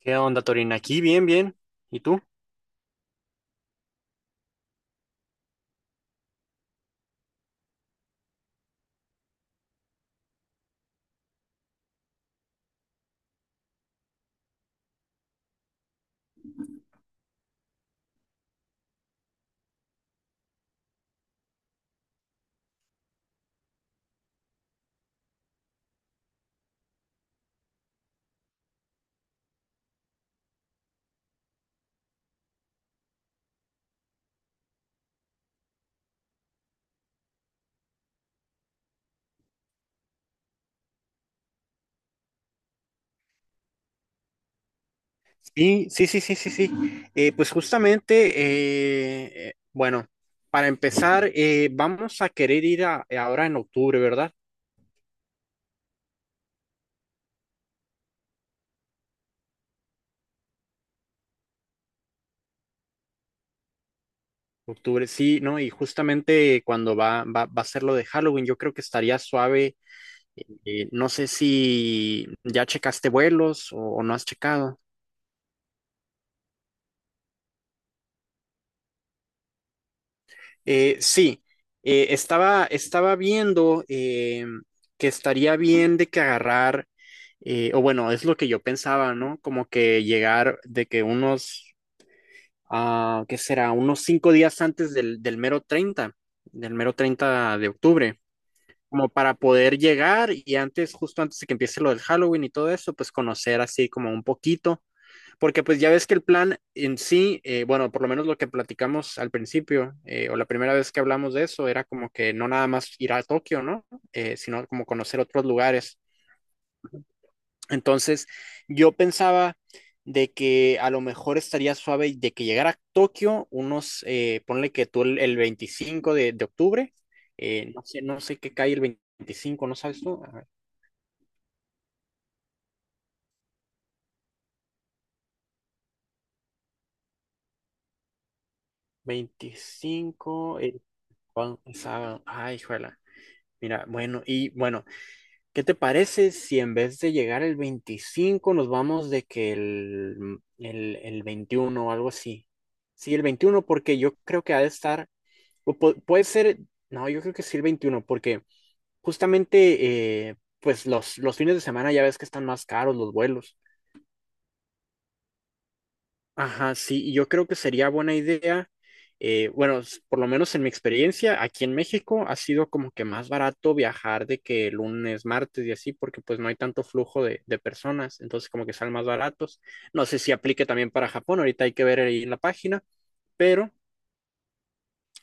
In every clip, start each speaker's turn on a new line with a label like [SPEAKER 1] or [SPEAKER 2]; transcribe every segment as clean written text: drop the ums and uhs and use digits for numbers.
[SPEAKER 1] ¿Qué onda, Torín? Aquí, bien, bien. ¿Y tú? Sí, sí, sí, sí, sí, sí. Pues justamente, bueno, para empezar, vamos a querer ahora en octubre, ¿verdad? Octubre, sí, ¿no? Y justamente cuando va a ser lo de Halloween, yo creo que estaría suave. No sé si ya checaste vuelos o no has checado. Sí, estaba viendo que estaría bien de que agarrar, o bueno, es lo que yo pensaba, ¿no? Como que llegar de que unos, ah, ¿qué será? Unos cinco días antes del mero 30 de octubre, como para poder llegar y antes, justo antes de que empiece lo del Halloween y todo eso, pues conocer así como un poquito porque pues ya ves que el plan en sí, bueno, por lo menos lo que platicamos al principio, o la primera vez que hablamos de eso, era como que no nada más ir a Tokio, ¿no? Sino como conocer otros lugares. Entonces, yo pensaba de que a lo mejor estaría suave de que llegara a Tokio unos, ponle que tú el 25 de octubre, no sé, no sé qué cae el veinticinco, ¿no sabes tú? A ver, 25, el, sábado, ay, juela. Mira, bueno, y bueno, ¿qué te parece si en vez de llegar el 25 nos vamos de que el 21 o algo así? Sí, el 21 porque yo creo que ha de estar, o puede ser, no, yo creo que sí el 21 porque justamente pues los fines de semana ya ves que están más caros los vuelos. Ajá, sí, y yo creo que sería buena idea, bueno, por lo menos en mi experiencia, aquí en México ha sido como que más barato viajar de que lunes, martes y así, porque pues no hay tanto flujo de personas, entonces como que salen más baratos. No sé si aplique también para Japón, ahorita hay que ver ahí en la página, pero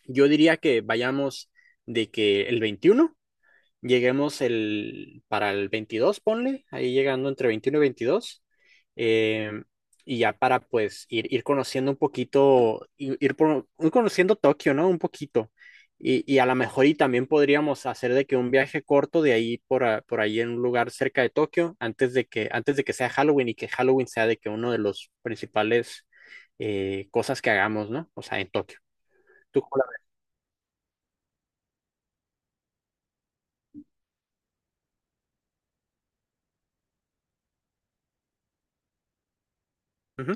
[SPEAKER 1] yo diría que vayamos de que el veintiuno. Lleguemos el, para el 22 ponle, ahí llegando entre 21 y 22. em, y ya para pues ir conociendo un poquito, ir conociendo Tokio, ¿no? Un poquito. Y a lo mejor y también podríamos hacer de que un viaje corto de ahí por ahí en un lugar cerca de Tokio antes de que sea Halloween y que Halloween sea de que uno de los principales cosas que hagamos, ¿no? O sea, en Tokio. ¿Tú cómo la ves? Ujú.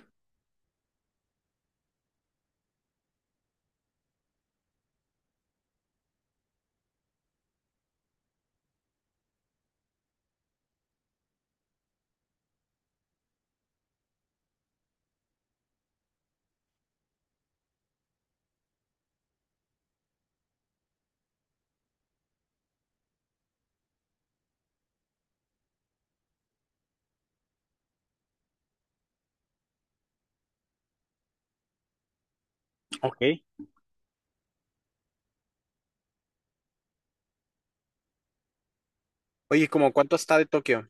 [SPEAKER 1] Ok. Oye, cómo cuánto está de Tokio?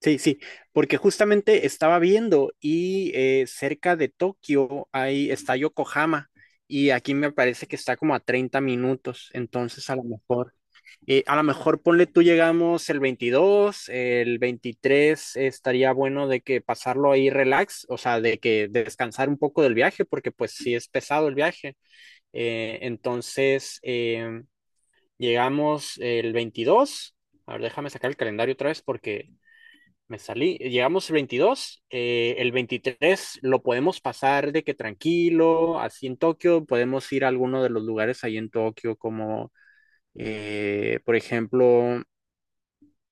[SPEAKER 1] Sí, sí, porque justamente estaba viendo y cerca de Tokio ahí está Yokohama y aquí me parece que está como a 30 minutos, entonces a lo mejor ponle tú llegamos el 22, el 23 estaría bueno de que pasarlo ahí relax, o sea, de que descansar un poco del viaje, porque pues sí es pesado el viaje. Entonces llegamos el 22, a ver, déjame sacar el calendario otra vez porque me salí, llegamos el veintidós, el 23 lo podemos pasar de que tranquilo, así en Tokio, podemos ir a alguno de los lugares ahí en Tokio, como por ejemplo,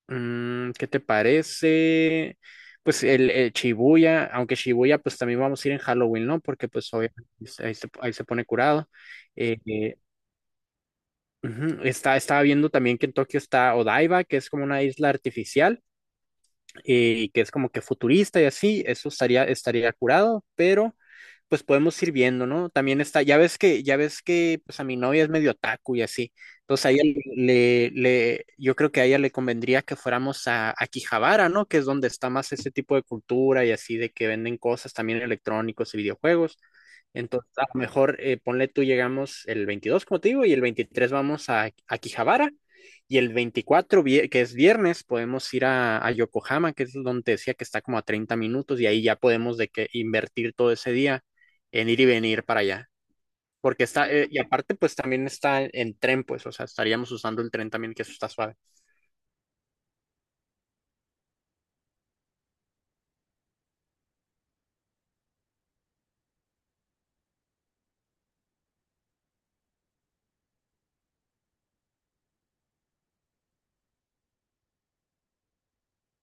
[SPEAKER 1] mm, ¿qué te parece? Pues el Shibuya, aunque Shibuya pues también vamos a ir en Halloween, ¿no? Porque pues obviamente ahí se pone curado. Eh, eh, Está, estaba viendo también que en Tokio está Odaiba, que es como una isla artificial y que es como que futurista y así, eso estaría, estaría curado, pero pues podemos ir viendo, ¿no? También está, ya ves que, pues a mi novia es medio otaku y así, entonces a ella yo creo que a ella le convendría que fuéramos a Akihabara, ¿no? Que es donde está más ese tipo de cultura y así de que venden cosas también electrónicos y videojuegos. Entonces, a lo mejor, ponle tú, llegamos el 22 como te digo, y el 23 vamos a Akihabara, y el 24 que es viernes, podemos ir a Yokohama, que es donde te decía que está como a 30 minutos, y ahí ya podemos de que invertir todo ese día en ir y venir para allá. Porque está, y aparte, pues también está en tren, pues, o sea, estaríamos usando el tren también, que eso está suave.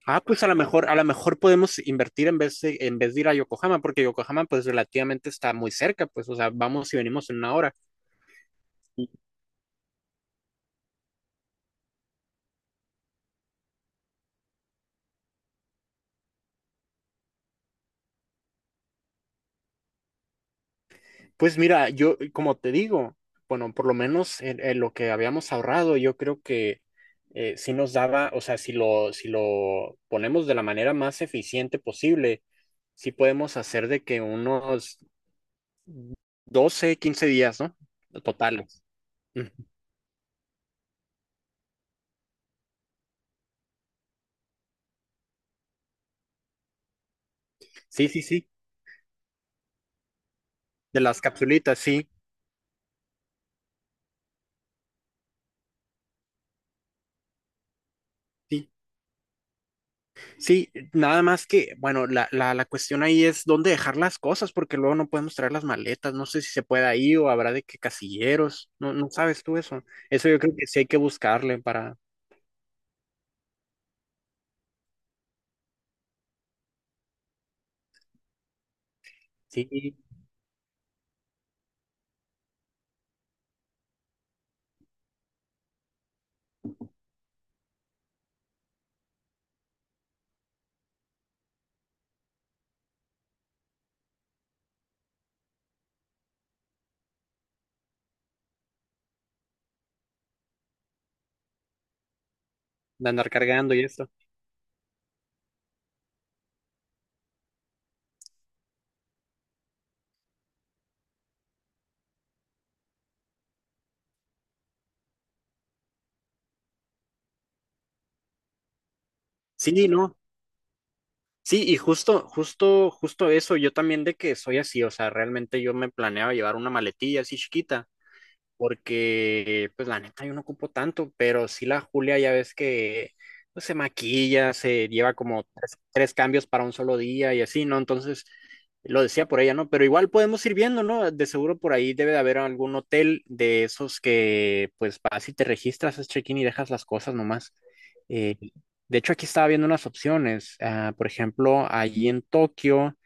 [SPEAKER 1] Ah, pues a lo mejor podemos invertir en vez de ir a Yokohama, porque Yokohama, pues, relativamente está muy cerca, pues, o sea, vamos y venimos en una hora. Pues mira, yo, como te digo, bueno, por lo menos en lo que habíamos ahorrado, yo creo que sí nos daba, o sea, si lo, si lo ponemos de la manera más eficiente posible, sí podemos hacer de que unos 12 15 días, ¿no? Totales. Mm. Sí, sí, sí. De las capsulitas, sí, sí. Sí, nada más que, bueno, la cuestión ahí es dónde dejar las cosas, porque luego no podemos traer las maletas. No sé si se puede ahí o habrá de qué casilleros. No, no sabes tú eso. Eso yo creo que sí hay que buscarle para, sí, de andar cargando y esto. Sí, no. Sí, y justo, justo, justo eso, yo también de que soy así, o sea, realmente yo me planeaba llevar una maletilla así chiquita porque pues la neta yo no ocupo tanto, pero sí la Julia ya ves que pues, se maquilla, se lleva como tres, tres cambios para un solo día y así, ¿no? Entonces lo decía por ella, ¿no? Pero igual podemos ir viendo, ¿no? De seguro por ahí debe de haber algún hotel de esos que pues vas y te registras, es check-in y dejas las cosas nomás. Eh, de hecho, aquí estaba viendo unas opciones. Ah, por ejemplo, allí en Tokio,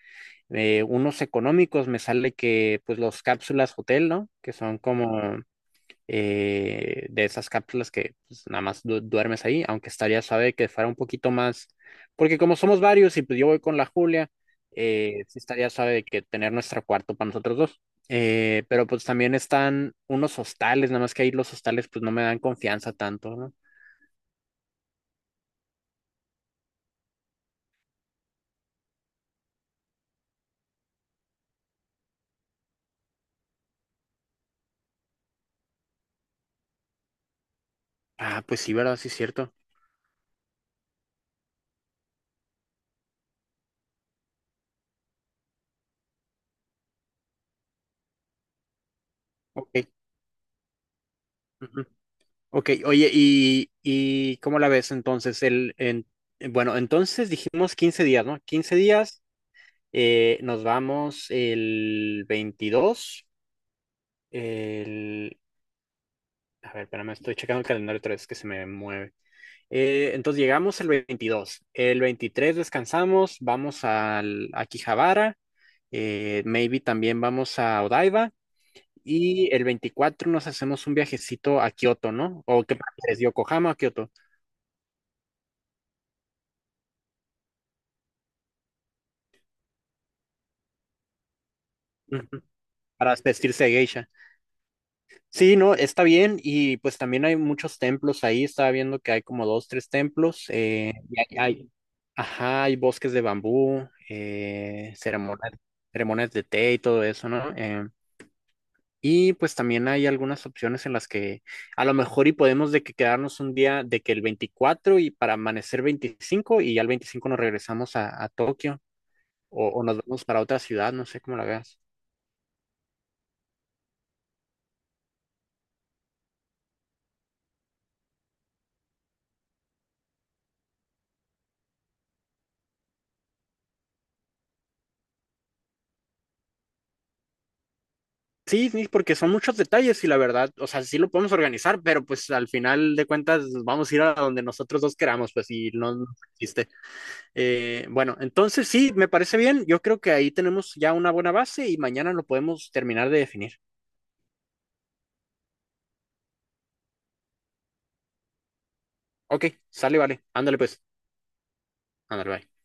[SPEAKER 1] unos económicos me sale que, pues, los cápsulas hotel, ¿no? Que son como de esas cápsulas que pues, nada más duermes ahí, aunque estaría suave que fuera un poquito más, porque como somos varios y pues yo voy con la Julia, sí estaría suave que tener nuestro cuarto para nosotros dos. Pero pues también están unos hostales, nada más que ahí los hostales pues no me dan confianza tanto, ¿no? Ah, pues sí, ¿verdad? Sí, es cierto. Ok. Ujú. Ok, oye, y cómo la ves entonces? Bueno, entonces dijimos 15 días, ¿no? 15 días, nos vamos el 22 el... A ver, espérame, estoy checando el calendario otra vez que se me mueve. Entonces llegamos el veintidós, el 23 descansamos, vamos al, a Akihabara, maybe también vamos a Odaiba y el 24 nos hacemos un viajecito a Kioto, ¿no? ¿O qué prefieres, Yokohama o Kioto? Para vestirse de geisha. Sí, no, está bien y pues también hay muchos templos ahí, estaba viendo que hay como dos, tres templos, ajá, hay bosques de bambú, ceremonias, ceremonias de té y todo eso, ¿no? Y pues también hay algunas opciones en las que a lo mejor y podemos de que quedarnos un día de que el 24 y para amanecer 25 y ya el 25 nos regresamos a Tokio o nos vamos para otra ciudad, no sé cómo la veas. Sí, sí, porque son muchos detalles y la verdad, o sea, sí lo podemos organizar, pero pues al final de cuentas vamos a ir a donde nosotros dos queramos, pues y no existe. Bueno, entonces sí, me parece bien. Yo creo que ahí tenemos ya una buena base y mañana lo podemos terminar de definir. Ok, sale, vale. Ándale pues. Ándale, bye.